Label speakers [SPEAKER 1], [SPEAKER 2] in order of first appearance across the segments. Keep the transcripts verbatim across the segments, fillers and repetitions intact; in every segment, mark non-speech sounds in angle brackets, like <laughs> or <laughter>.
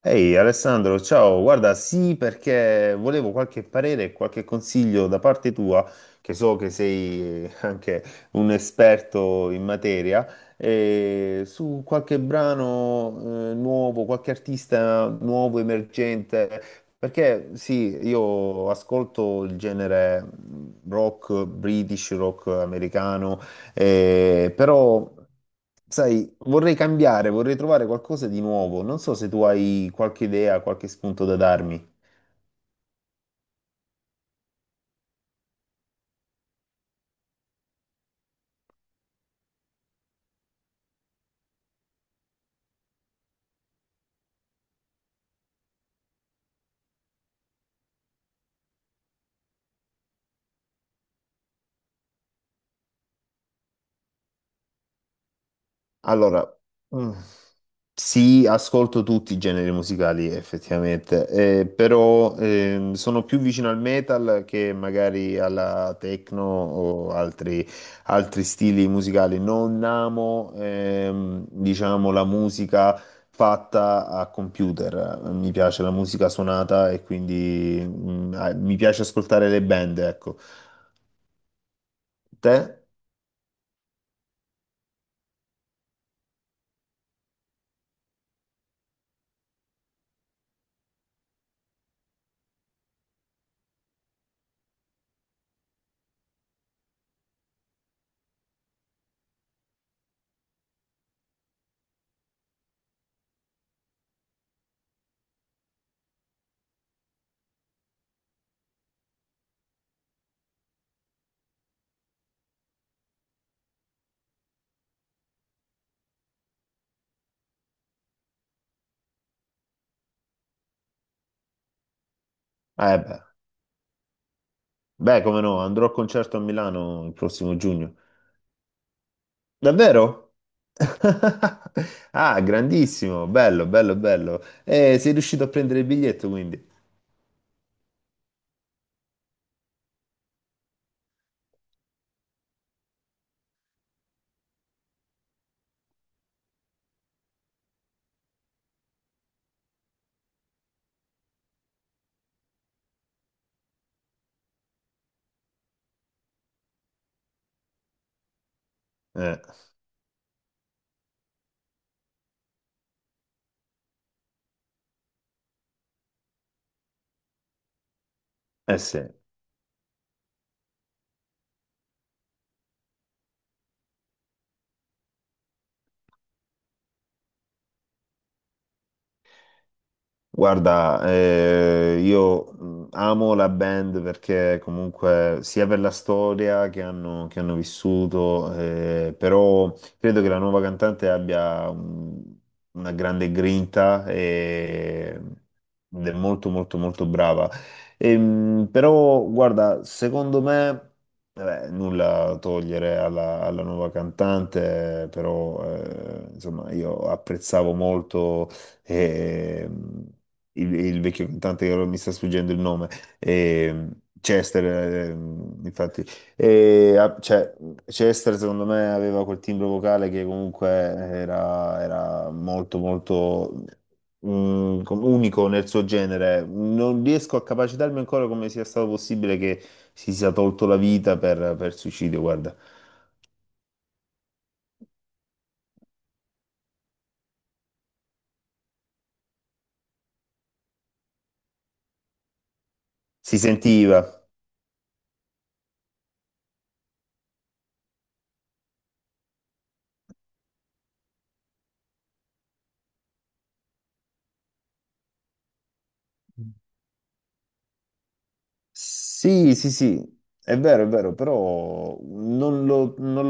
[SPEAKER 1] Ehi Alessandro, ciao, guarda, sì, perché volevo qualche parere e qualche consiglio da parte tua, che so che sei <laughs> anche un esperto in materia, eh, su qualche brano, eh, nuovo, qualche artista nuovo, emergente, perché sì, io ascolto il genere mm, rock, British rock americano eh, però, sai, vorrei cambiare, vorrei trovare qualcosa di nuovo. Non so se tu hai qualche idea, qualche spunto da darmi. Allora, mm, sì, ascolto tutti i generi musicali effettivamente, eh, però ehm, sono più vicino al metal che magari alla techno o altri, altri stili musicali. Non amo, ehm, diciamo, la musica fatta a computer, mi piace la musica suonata e quindi mm, ah, mi piace ascoltare le band, ecco. Te? Eh beh, beh, come no, andrò al concerto a Milano il prossimo giugno. Davvero? <laughs> Ah, grandissimo, bello, bello, bello. Eh, sei riuscito a prendere il biglietto quindi. Eh, eh sì. Guarda, eh, io mh, amo la band perché comunque sia per la storia che hanno, che hanno vissuto, eh, però credo che la nuova cantante abbia un- una grande grinta e, ed è molto molto molto brava. Ehm, però guarda, secondo me, vabbè, nulla a togliere alla, alla nuova cantante, però eh, insomma io apprezzavo molto... Ehm, il, il vecchio cantante che ora mi sta sfuggendo il nome, ehm, Chester, ehm, infatti, e, ah, cioè, Chester secondo me aveva quel timbro vocale che comunque era, era molto molto mm, com- unico nel suo genere. Non riesco a capacitarmi ancora come sia stato possibile che si sia tolto la vita per, per suicidio, guarda. Si sentiva. Sì, sì, sì, è vero, è vero, però non lo, non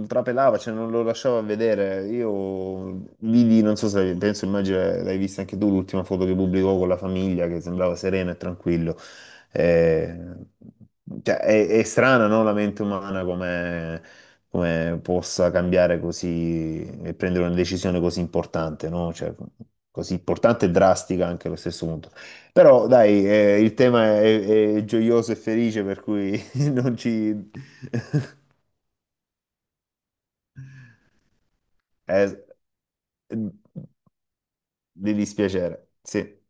[SPEAKER 1] lo trapelava, cioè non lo lasciava vedere. Io vidi, non so se penso, immagino l'hai vista anche tu, l'ultima foto che pubblicò con la famiglia, che sembrava sereno e tranquillo. Eh, cioè, è, è strana, no? La mente umana come, come possa cambiare così e prendere una decisione così importante, no? Cioè, così importante e drastica anche allo stesso punto. Però dai, eh, il tema è, è gioioso e felice, per cui <laughs> non ci... <laughs> eh, di dispiacere, sì.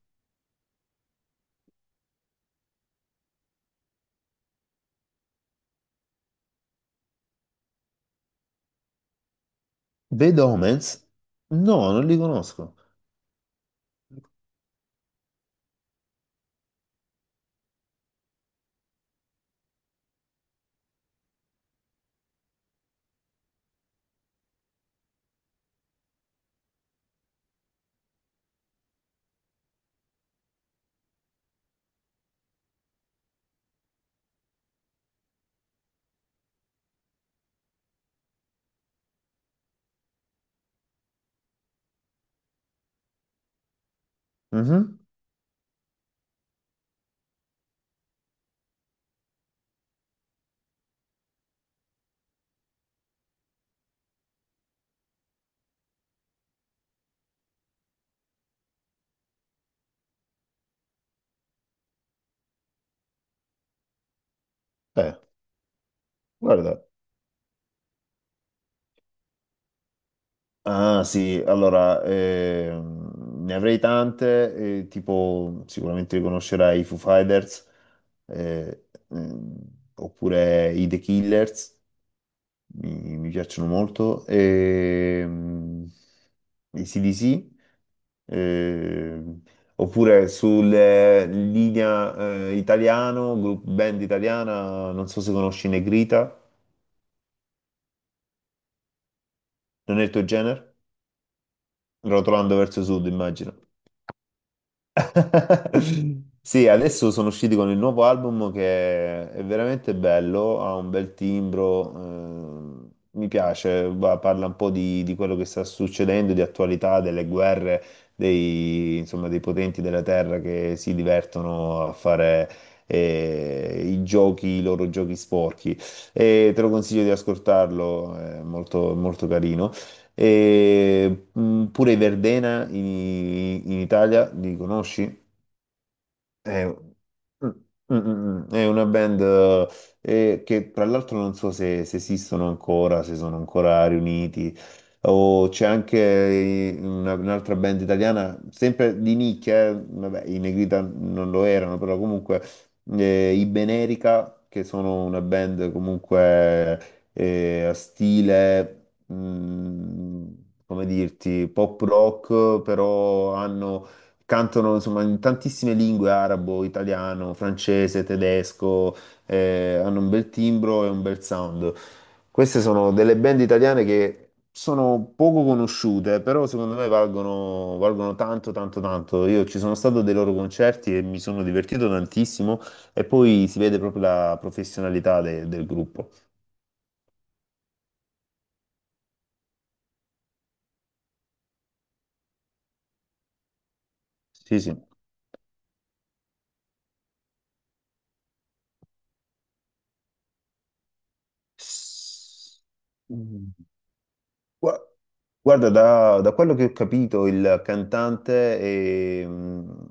[SPEAKER 1] The Omens? No, non li conosco. Mhm. Beh, guarda. Ah sì, allora, ehm, ne avrei tante, eh, tipo sicuramente riconoscerai i Foo Fighters, eh, ehm, oppure i The Killers. mi, mi piacciono molto. E, mm, i C D C, eh, oppure sulla linea eh, italiano, group band italiana, non so se conosci Negrita, non è il tuo genere? Rotolando verso sud, immagino. <laughs> Sì, adesso sono usciti con il nuovo album che è veramente bello, ha un bel timbro, eh, mi piace, va- parla un po' di, di quello che sta succedendo, di attualità, delle guerre, dei, insomma, dei potenti della terra che si divertono a fare eh, i giochi, i loro giochi sporchi. E te lo consiglio di ascoltarlo, è molto, molto carino. E, mh, pure i Verdena in, in Italia, li conosci? È, mm, mm, mm, mm, è una band eh, eh, che tra l'altro non so se, se esistono ancora, se sono ancora riuniti, o c'è anche eh, una- un'altra band italiana, sempre di nicchia, eh, vabbè, i Negrita non lo erano, però comunque eh, i Benerica, che sono una band comunque eh, a stile, mm, come dirti, pop rock, però hanno cantano insomma in tantissime lingue, arabo, italiano, francese, tedesco, eh, hanno un bel timbro e un bel sound. Queste sono delle band italiane che sono poco conosciute, però secondo me valgono, valgono tanto, tanto, tanto. Io ci sono stato a dei loro concerti e mi sono divertito tantissimo e poi si vede proprio la professionalità de- del gruppo. Sì, sì. Gua- Guarda, da, da quello che ho capito, il cantante eh, mh,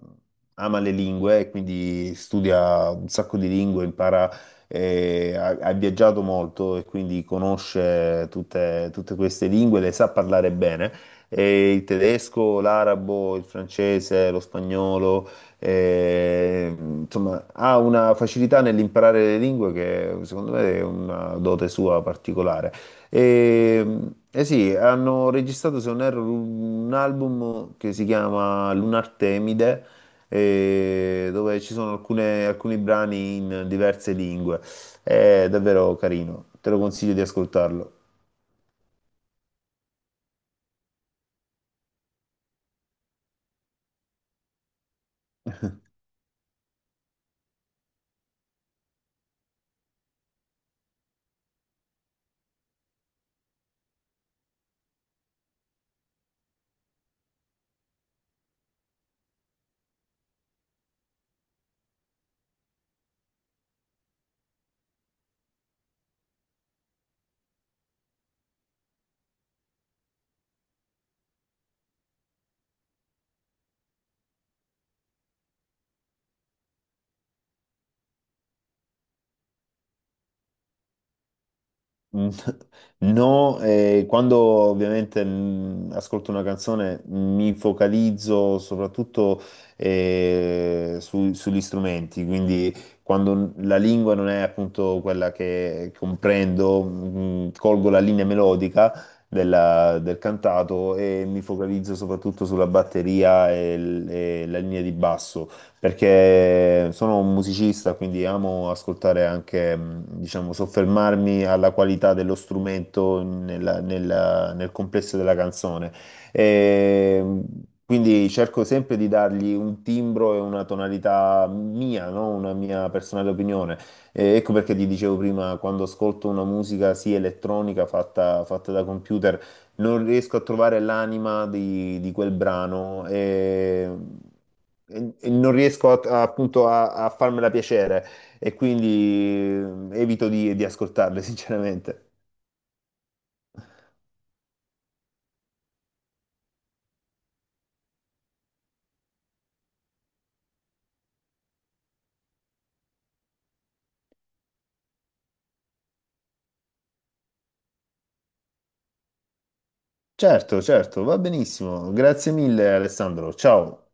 [SPEAKER 1] ama le lingue, e quindi studia un sacco di lingue, impara, eh, ha, ha viaggiato molto e quindi conosce tutte, tutte queste lingue, le sa parlare bene. E il tedesco, l'arabo, il francese, lo spagnolo, eh, insomma, ha una facilità nell'imparare le lingue che secondo me è una dote sua particolare. E, eh sì, hanno registrato, se non erro, un album che si chiama Lunartemide, eh, dove ci sono alcune- alcuni brani in diverse lingue. È davvero carino, te lo consiglio di ascoltarlo. Mm, <laughs> no, eh, quando ovviamente mm, ascolto una canzone mi focalizzo soprattutto eh, su- sugli strumenti, quindi quando n- la lingua non è appunto quella che comprendo, mm, colgo la linea melodica della- del cantato e mi focalizzo soprattutto sulla batteria e, l- e la linea di basso perché sono un musicista, quindi amo ascoltare anche, mh, diciamo, soffermarmi alla qualità dello strumento nella- nella- nel complesso della canzone. E, mh, quindi cerco sempre di dargli un timbro e una tonalità mia, no? Una mia personale opinione. E ecco perché ti dicevo prima, quando ascolto una musica, sì, elettronica, fatta fatta da computer, non riesco a trovare l'anima di, di quel brano e, e- e non riesco a- a- appunto a, a farmela piacere e quindi eh, evito di, di ascoltarle, <laughs> sinceramente. Certo, certo, va benissimo. Grazie mille, Alessandro. Ciao.